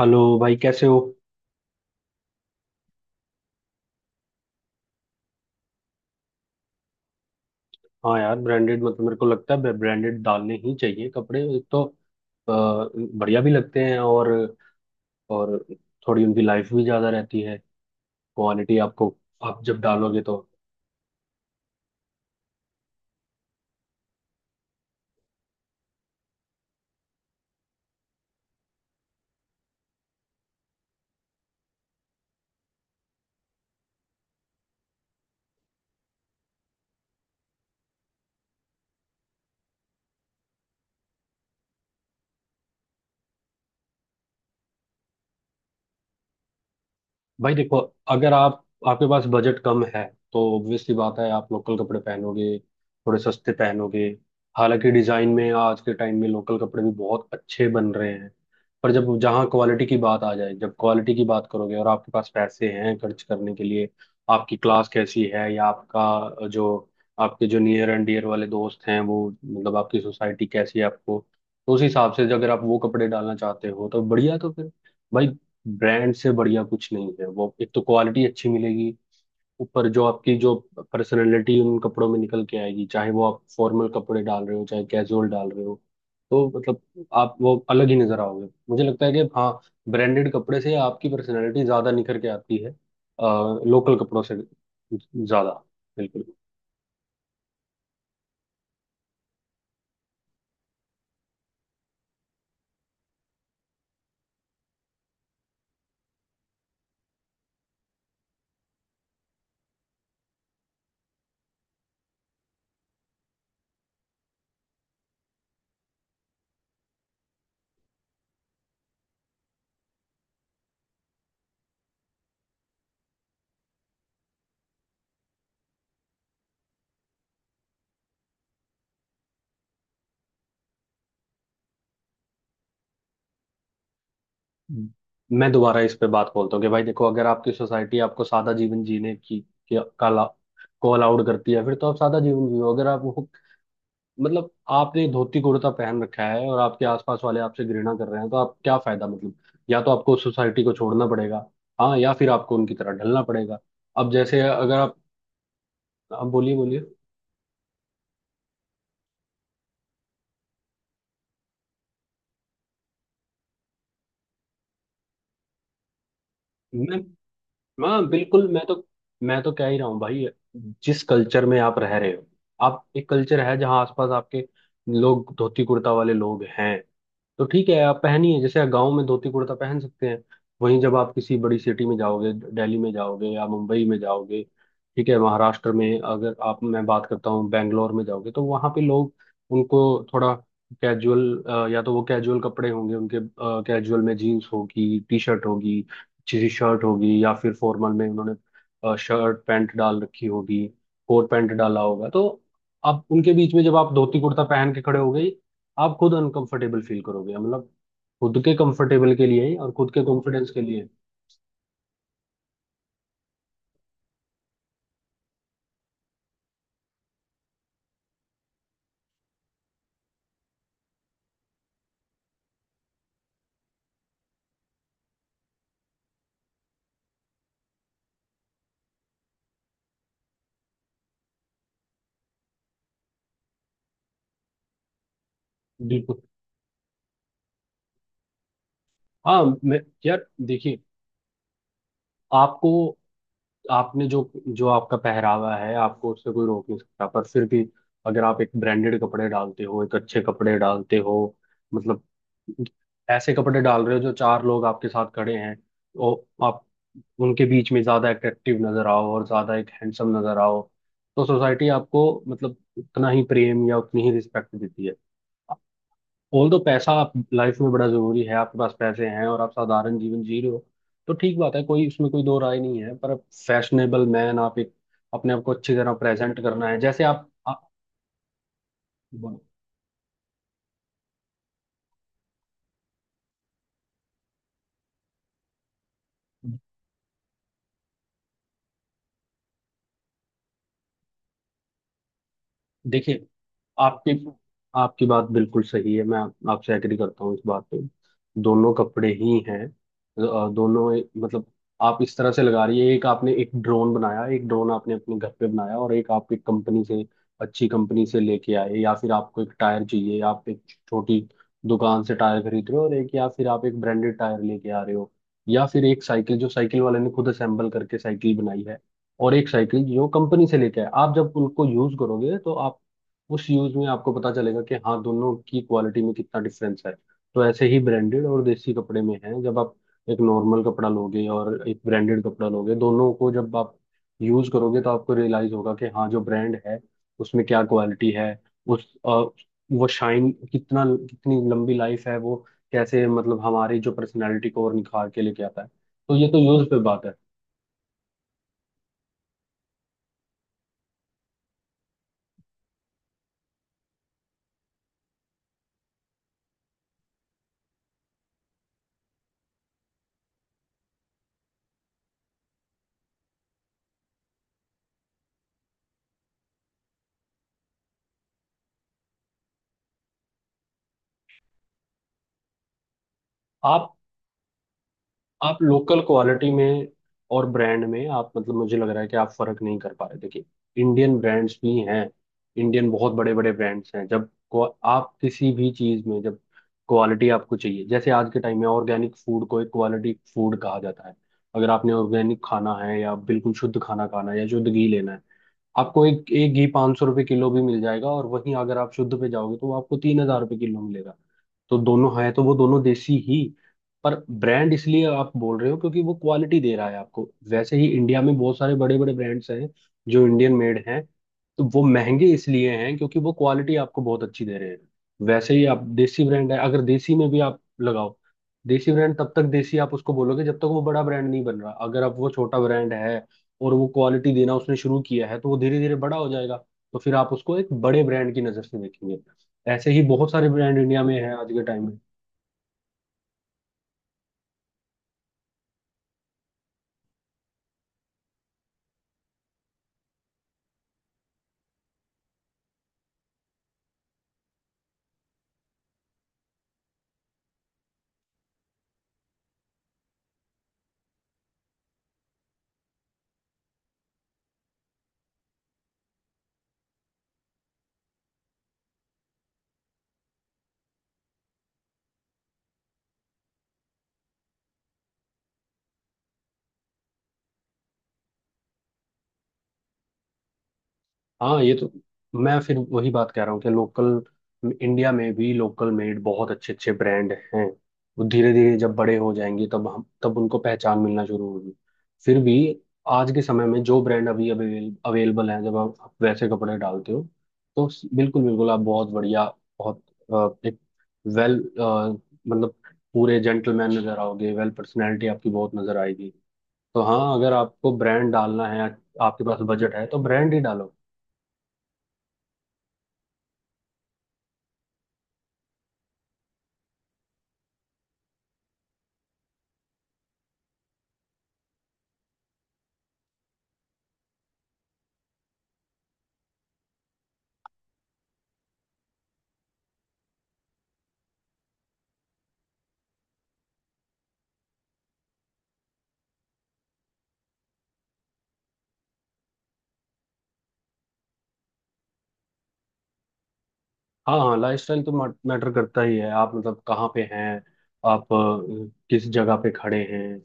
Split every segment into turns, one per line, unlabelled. Hello भाई, कैसे हो। हाँ यार, ब्रांडेड मतलब मेरे को लगता है ब्रांडेड डालने ही चाहिए कपड़े। एक तो बढ़िया भी लगते हैं और और थोड़ी उनकी लाइफ भी ज़्यादा रहती है। क्वालिटी आपको आप जब डालोगे तो। भाई देखो, अगर आप आपके पास बजट कम है तो ऑब्वियस सी बात है आप लोकल कपड़े पहनोगे, थोड़े सस्ते पहनोगे। हालांकि डिजाइन में आज के टाइम में लोकल कपड़े भी बहुत अच्छे बन रहे हैं। पर जब जहाँ क्वालिटी की बात आ जाए, जब क्वालिटी की बात करोगे और आपके पास पैसे हैं खर्च करने के लिए, आपकी क्लास कैसी है या आपका जो आपके जो नियर एंड डियर वाले दोस्त हैं, वो मतलब आपकी सोसाइटी कैसी है आपको, तो उस हिसाब से अगर आप वो कपड़े डालना चाहते हो तो बढ़िया। तो फिर भाई, ब्रांड से बढ़िया कुछ नहीं है। वो एक तो क्वालिटी अच्छी मिलेगी, ऊपर जो आपकी जो पर्सनालिटी उन कपड़ों में निकल के आएगी, चाहे वो आप फॉर्मल कपड़े डाल रहे हो चाहे कैजुअल डाल रहे हो। तो मतलब आप वो अलग ही नजर आओगे। मुझे लगता है कि हाँ, ब्रांडेड कपड़े से आपकी पर्सनालिटी ज्यादा निखर के आती है लोकल कपड़ों से ज्यादा। बिल्कुल। मैं दोबारा इस पे बात बोलता हूँ कि भाई देखो, अगर आपकी सोसाइटी आपको सादा जीवन जीने की के- का ला- को अलाउड करती है फिर तो आप सादा जीवन जियो। अगर आप मतलब आपने धोती कुर्ता पहन रखा है और आपके आसपास वाले आपसे घृणा कर रहे हैं तो आप क्या फायदा मतलब। या तो आपको सोसाइटी को छोड़ना पड़ेगा, हाँ, या फिर आपको उनकी तरह ढलना पड़ेगा। अब जैसे अगर आप, आप बोलिए बोलिए। हाँ बिल्कुल। मैं तो कह ही रहा हूँ भाई, जिस कल्चर में आप रह रहे हो, आप एक कल्चर है जहाँ आसपास आपके लोग धोती कुर्ता वाले लोग हैं, तो ठीक है आप पहनिए। जैसे गांव में धोती कुर्ता पहन सकते हैं। वहीं जब आप किसी बड़ी सिटी में जाओगे, दिल्ली में जाओगे या मुंबई में जाओगे, ठीक है महाराष्ट्र में, अगर आप मैं बात करता हूँ बेंगलोर में जाओगे, तो वहाँ पे लोग, उनको थोड़ा कैजुअल, या तो वो कैजुअल कपड़े होंगे उनके। कैजुअल में जीन्स होगी, टी शर्ट होगी, अच्छी सी शर्ट होगी, या फिर फॉर्मल में उन्होंने शर्ट पैंट डाल रखी होगी, कोट पैंट डाला होगा। तो आप उनके बीच में जब आप धोती कुर्ता पहन के खड़े हो गए, आप खुद अनकंफर्टेबल फील करोगे। मतलब खुद के कंफर्टेबल के लिए और खुद के कॉन्फिडेंस के लिए, बिल्कुल। हाँ, मैं, यार देखिए, आपको आपने जो जो आपका पहरावा है, आपको उससे कोई रोक नहीं सकता। पर फिर भी अगर आप एक ब्रांडेड कपड़े डालते हो, एक अच्छे कपड़े डालते हो, मतलब ऐसे कपड़े डाल रहे हो जो चार लोग आपके साथ खड़े हैं और आप उनके बीच में ज्यादा अट्रैक्टिव नजर आओ और ज्यादा एक हैंडसम नजर आओ, तो सोसाइटी आपको मतलब उतना ही प्रेम या उतनी ही रिस्पेक्ट देती है। ऑल दो पैसा आप लाइफ में बड़ा जरूरी है, आपके पास पैसे हैं और आप साधारण जीवन जी रहे हो तो ठीक बात है, कोई उसमें कोई दो राय नहीं है। पर फैशनेबल मैन, आप एक अपने आप को अच्छी तरह प्रेजेंट करना है। जैसे आप बोलो। देखिए, आपकी आपकी बात बिल्कुल सही है। मैं आपसे एग्री करता हूँ इस बात पे। दोनों कपड़े ही हैं। दोनों मतलब आप इस तरह से लगा रही है, एक आपने एक ड्रोन बनाया, एक ड्रोन आपने अपने घर पे बनाया और एक आप एक कंपनी से, अच्छी कंपनी से लेके आए। या फिर आपको एक टायर चाहिए, आप एक छोटी दुकान से टायर खरीद रहे हो और एक, या फिर आप एक ब्रांडेड टायर लेके आ रहे हो। या फिर एक साइकिल जो साइकिल वाले ने खुद असेंबल करके साइकिल बनाई है, और एक साइकिल जो कंपनी से लेके आए, आप जब उनको यूज करोगे तो उस यूज में आपको पता चलेगा कि हाँ, दोनों की क्वालिटी में कितना डिफरेंस है। तो ऐसे ही ब्रांडेड और देसी कपड़े में है। जब आप एक नॉर्मल कपड़ा लोगे और एक ब्रांडेड कपड़ा लोगे, दोनों को जब आप यूज करोगे तो आपको रियलाइज होगा कि हाँ, जो ब्रांड है उसमें क्या क्वालिटी है। उस अ, वो शाइन कितना, कितनी लंबी लाइफ है, वो कैसे मतलब हमारी जो पर्सनैलिटी को और निखार के लेके आता है। तो ये तो यूज पे बात है। आप आप लोकल क्वालिटी में और ब्रांड में, आप मतलब मुझे लग रहा है कि आप फर्क नहीं कर पा रहे। देखिए, इंडियन ब्रांड्स भी हैं, इंडियन बहुत बड़े बड़े ब्रांड्स हैं। जब आप किसी भी चीज में जब क्वालिटी आपको चाहिए, जैसे आज के टाइम में ऑर्गेनिक फूड को एक क्वालिटी फूड कहा जाता है। अगर आपने ऑर्गेनिक खाना है या बिल्कुल शुद्ध खाना खाना है या शुद्ध घी लेना है, आपको एक एक घी 500 रुपये किलो भी मिल जाएगा, और वहीं अगर आप शुद्ध पे जाओगे तो वो आपको 3000 रुपये किलो मिलेगा। तो दोनों है, तो वो दोनों देसी ही, पर ब्रांड इसलिए आप बोल रहे हो क्योंकि वो क्वालिटी दे रहा है आपको। वैसे ही इंडिया में बहुत सारे बड़े बड़े ब्रांड्स हैं जो इंडियन मेड हैं। तो वो महंगे इसलिए हैं क्योंकि वो क्वालिटी आपको बहुत अच्छी दे रहे हैं। वैसे ही आप देसी ब्रांड है, अगर देसी में भी आप लगाओ, देसी ब्रांड तब तक देसी आप उसको बोलोगे जब तक वो बड़ा ब्रांड नहीं बन रहा। अगर अब वो छोटा ब्रांड है और वो क्वालिटी देना उसने शुरू किया है, तो वो धीरे धीरे बड़ा हो जाएगा, तो फिर आप उसको एक बड़े ब्रांड की नज़र से देखेंगे। ऐसे ही बहुत सारे ब्रांड इंडिया में हैं आज के टाइम में। हाँ ये तो, मैं फिर वही बात कह रहा हूँ कि लोकल इंडिया में भी लोकल मेड बहुत अच्छे अच्छे ब्रांड हैं। वो धीरे धीरे जब बड़े हो जाएंगे तब उनको पहचान मिलना शुरू होगी। फिर भी आज के समय में जो ब्रांड अभी अवेलेबल हैं, जब आप वैसे कपड़े डालते हो तो बिल्कुल बिल्कुल आप बहुत बढ़िया, बहुत एक वेल मतलब पूरे जेंटलमैन नजर आओगे, वेल पर्सनैलिटी आपकी बहुत नजर आएगी। तो हाँ, अगर आपको ब्रांड डालना है, आपके पास बजट है, तो ब्रांड ही डालो। हाँ हाँ, लाइफस्टाइल तो मैटर करता ही है। आप मतलब कहाँ पे हैं, किस जगह पे खड़े हैं।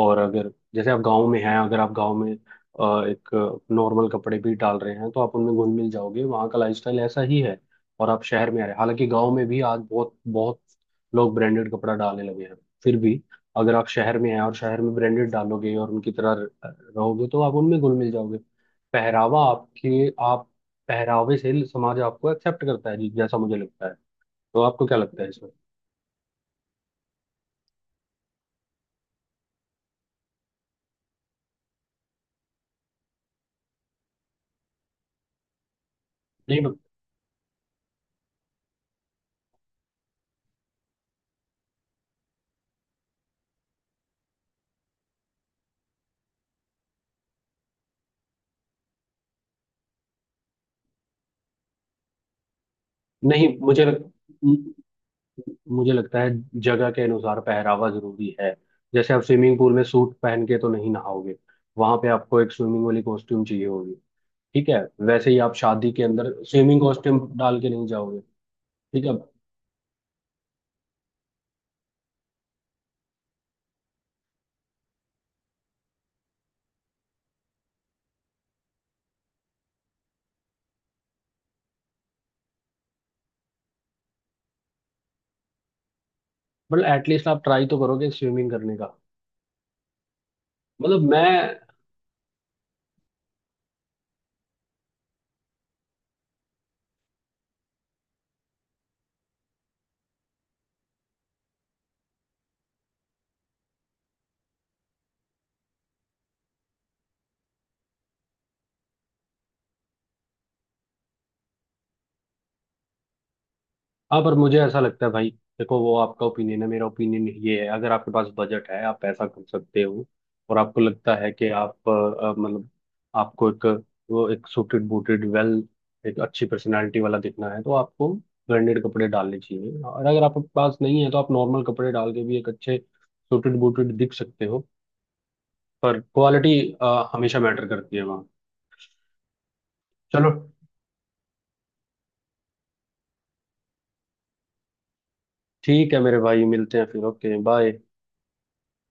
और अगर जैसे आप गांव में हैं, अगर आप गांव में एक नॉर्मल कपड़े भी डाल रहे हैं, तो आप उनमें घुल मिल जाओगे, वहाँ का लाइफस्टाइल ऐसा ही है। और आप शहर में आ रहे हैं, हालांकि गांव में भी आज बहुत बहुत लोग ब्रांडेड कपड़ा डालने लगे हैं। फिर भी अगर आप शहर में हैं और शहर में ब्रांडेड डालोगे और उनकी तरह रहोगे, तो आप उनमें घुल मिल जाओगे। पहरावा आपके आप पहरावे से समाज आपको एक्सेप्ट करता है जी, जैसा मुझे लगता है। तो आपको क्या लगता है इसमें। नहीं नहीं, म- मुझे लगता है जगह के अनुसार पहरावा जरूरी है। जैसे आप स्विमिंग पूल में सूट पहन के तो नहीं नहाओगे, वहां पे आपको एक स्विमिंग वाली कॉस्ट्यूम चाहिए होगी। ठीक है। वैसे ही आप शादी के अंदर स्विमिंग कॉस्ट्यूम डाल के नहीं जाओगे। ठीक है, मतलब एटलीस्ट आप ट्राई तो करोगे स्विमिंग करने का। मतलब मैं हाँ, पर मुझे ऐसा लगता है भाई, देखो, वो आपका ओपिनियन है, मेरा ओपिनियन ये है, अगर आपके पास बजट है, आप पैसा कर सकते हो, और आपको लगता है कि मतलब आपको एक वो एक सूटेड बूटेड वेल एक अच्छी पर्सनालिटी वाला दिखना है, तो आपको ब्रांडेड कपड़े डालने चाहिए। और अगर आपके पास नहीं है तो आप नॉर्मल कपड़े डाल के भी एक अच्छे सूटेड बूटेड दिख सकते हो, पर क्वालिटी हमेशा मैटर करती है वहाँ। चलो ठीक है मेरे भाई, मिलते हैं फिर। Okay bye.